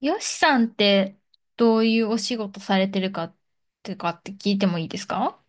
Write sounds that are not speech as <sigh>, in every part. よしさんってどういうお仕事されてるかって聞いてもいいですか？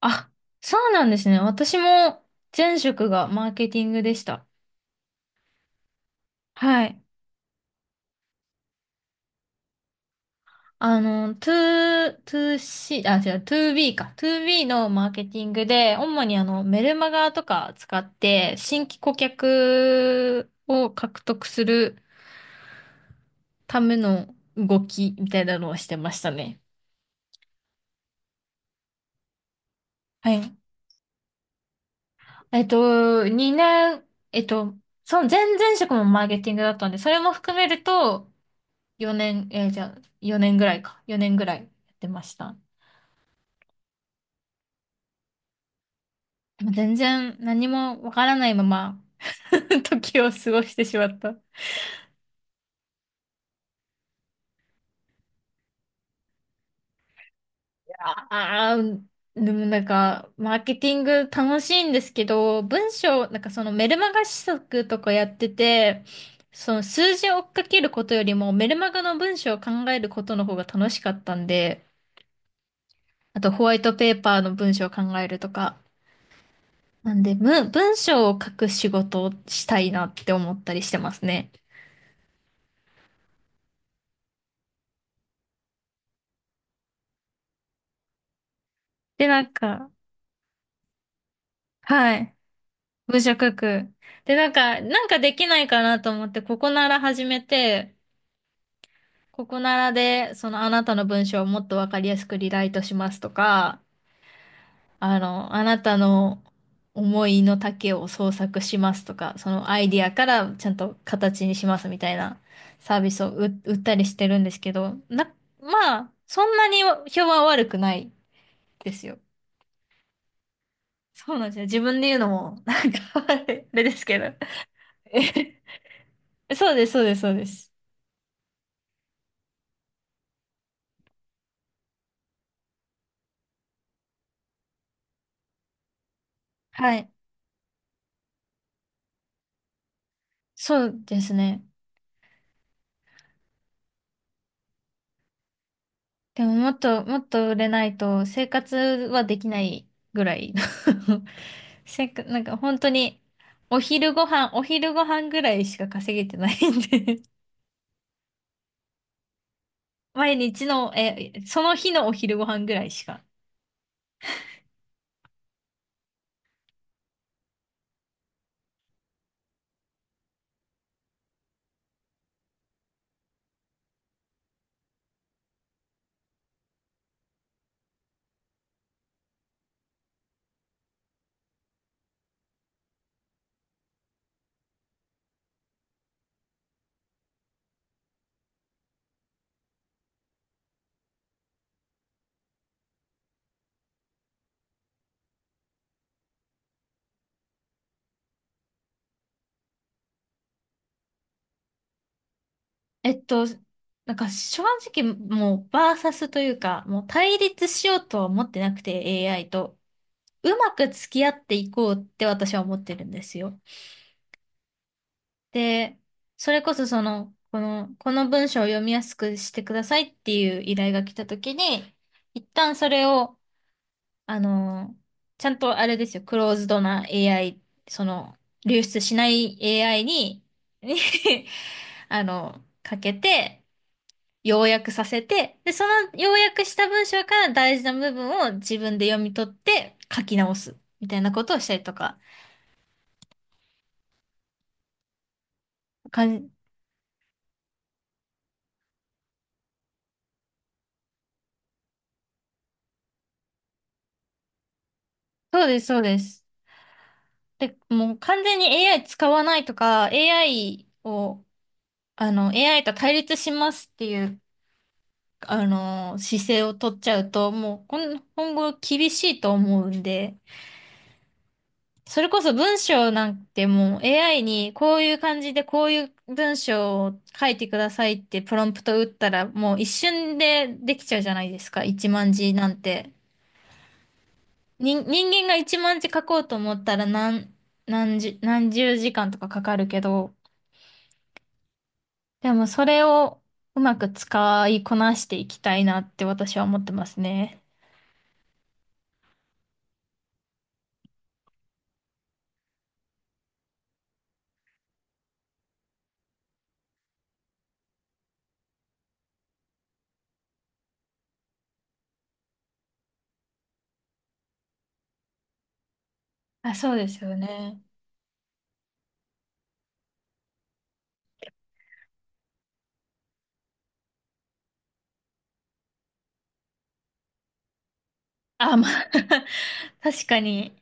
あ、そうなんですね。私も前職がマーケティングでした。はい。2、2C、あ、違う、2B か。2B のマーケティングで、主にメルマガとか使って、新規顧客を獲得するための動きみたいなのをしてましたね。はい。えっと、2年、その前々職もマーケティングだったんで、それも含めると、4年、じゃあ、4年ぐらいか。4年ぐらいやってました。でも全然何もわからないまま <laughs> 時を過ごしてしまった。ああ、でもなんか、マーケティング楽しいんですけど、文章、なんかそのメルマガ試作とかやってて、その数字を追っかけることよりもメルマガの文章を考えることの方が楽しかったんで、あとホワイトペーパーの文章を考えるとか。なんで、文章を書く仕事をしたいなって思ったりしてますね。で、なんか、はい。文章書く。で、なんか、できないかなと思って、ここなら始めて、ここならで、そのあなたの文章をもっとわかりやすくリライトしますとか、あなたの思いの丈を創作しますとか、そのアイディアからちゃんと形にしますみたいなサービスを売ったりしてるんですけど、まあ、そんなに評判は悪くないですよ。そうなんですよ。自分で言うのも、<laughs> なんか <laughs> あれですけど。え、そうです、そうです、そうです。はい。そうですね。でももっと、もっと売れないと生活はできないぐらい <laughs> せっか、なんか本当にお昼ご飯ぐらいしか稼げてないんで <laughs> 毎日の、その日のお昼ご飯ぐらいしか。えっと、なんか正直もうバーサスというか、もう対立しようとは思ってなくて AI と。うまく付き合っていこうって私は思ってるんですよ。で、それこそこの文章を読みやすくしてくださいっていう依頼が来た時に、一旦それを、あの、ちゃんとあれですよ、クローズドな AI、その、流出しない AI に <laughs> かけて、要約させて、で、その要約した文章から大事な部分を自分で読み取って書き直す、みたいなことをしたりとか、かん、そうです、そうです。で、もう完全に AI 使わないとか、AI を、AI と対立しますっていう、姿勢を取っちゃうと、もう今後厳しいと思うんで、それこそ文章なんてもう AI にこういう感じでこういう文章を書いてくださいってプロンプト打ったらもう一瞬でできちゃうじゃないですか、一万字なんて。人間が一万字書こうと思ったら何十時間とかかかるけど、でもそれをうまく使いこなしていきたいなって私は思ってますね。あ、そうですよね。あ、まあ <laughs> 確かに。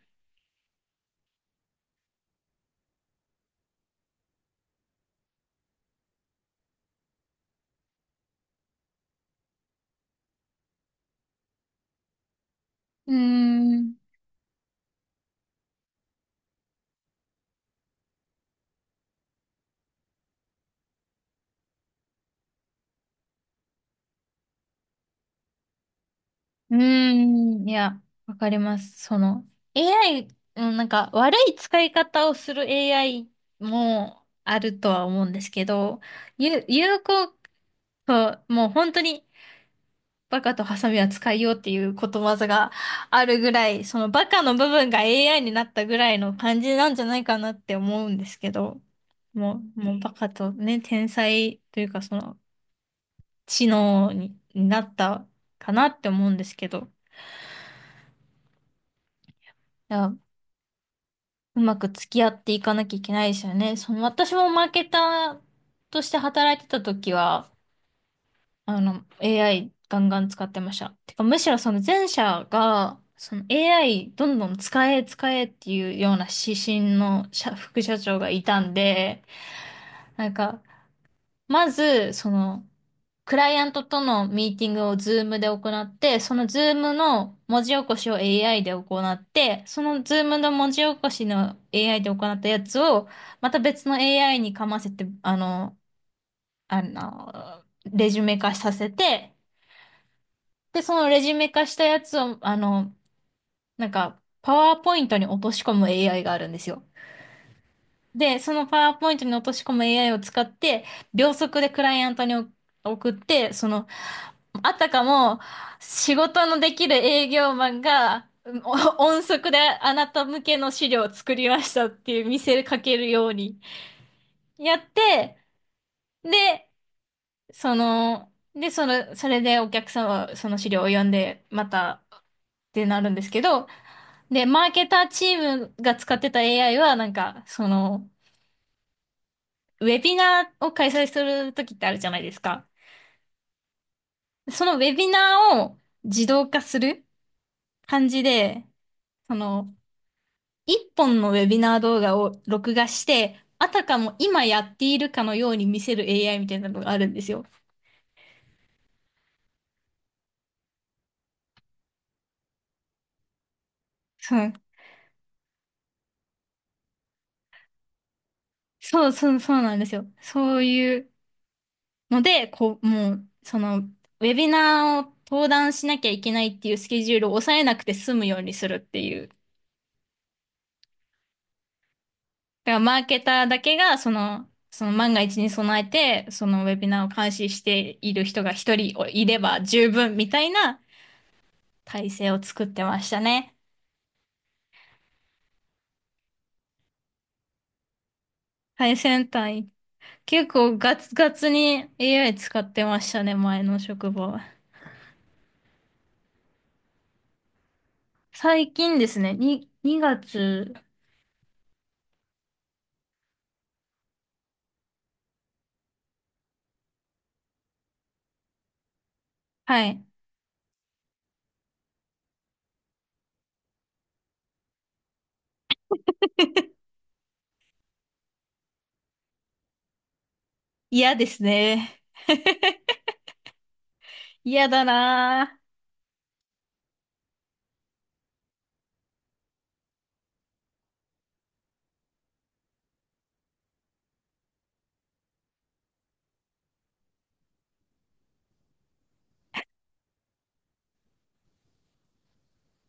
うーん。うーん。いや、わかります。AI、うんなんか悪い使い方をする AI もあるとは思うんですけど、有効と、もう本当にバカとハサミは使いようっていうことわざがあるぐらい、そのバカの部分が AI になったぐらいの感じなんじゃないかなって思うんですけど、もうバカとね、天才というかその知能になったかなって思うんですけど、いや、うまく付き合っていかなきゃいけないですよね。その私もマーケターとして働いてた時は、AI ガンガン使ってました。てか、むしろその前者が、その AI どんどん使え使えっていうような指針の社副社長がいたんで、なんか、まず、クライアントとのミーティングをズームで行って、そのズームの文字起こしを AI で行って、そのズームの文字起こしの AI で行ったやつを、また別の AI にかませて、レジュメ化させて、で、そのレジュメ化したやつを、なんか、パワーポイントに落とし込む AI があるんですよ。で、そのパワーポイントに落とし込む AI を使って、秒速でクライアントに送って、あたかも、仕事のできる営業マンが、うんお音速であなた向けの資料を作りましたっていう見せかけるようにやって、で、それでお客さんはその資料を読んで、また、ってなるんですけど、で、マーケターチームが使ってた AI は、なんか、ウェビナーを開催するときってあるじゃないですか。そのウェビナーを自動化する感じで、その、一本のウェビナー動画を録画して、あたかも今やっているかのように見せる AI みたいなのがあるんですよ。そう、そうそう、そうなんですよ。そういうので、こう、もう、ウェビナーを登壇しなきゃいけないっていうスケジュールを抑えなくて済むようにするっていう。だからマーケターだけが、その万が一に備えて、そのウェビナーを監視している人が一人いれば十分みたいな体制を作ってましたね。最先端。結構ガツガツに AI 使ってましたね、前の職場は。最近ですね、2月。はい。嫌ですね。嫌だなぁ。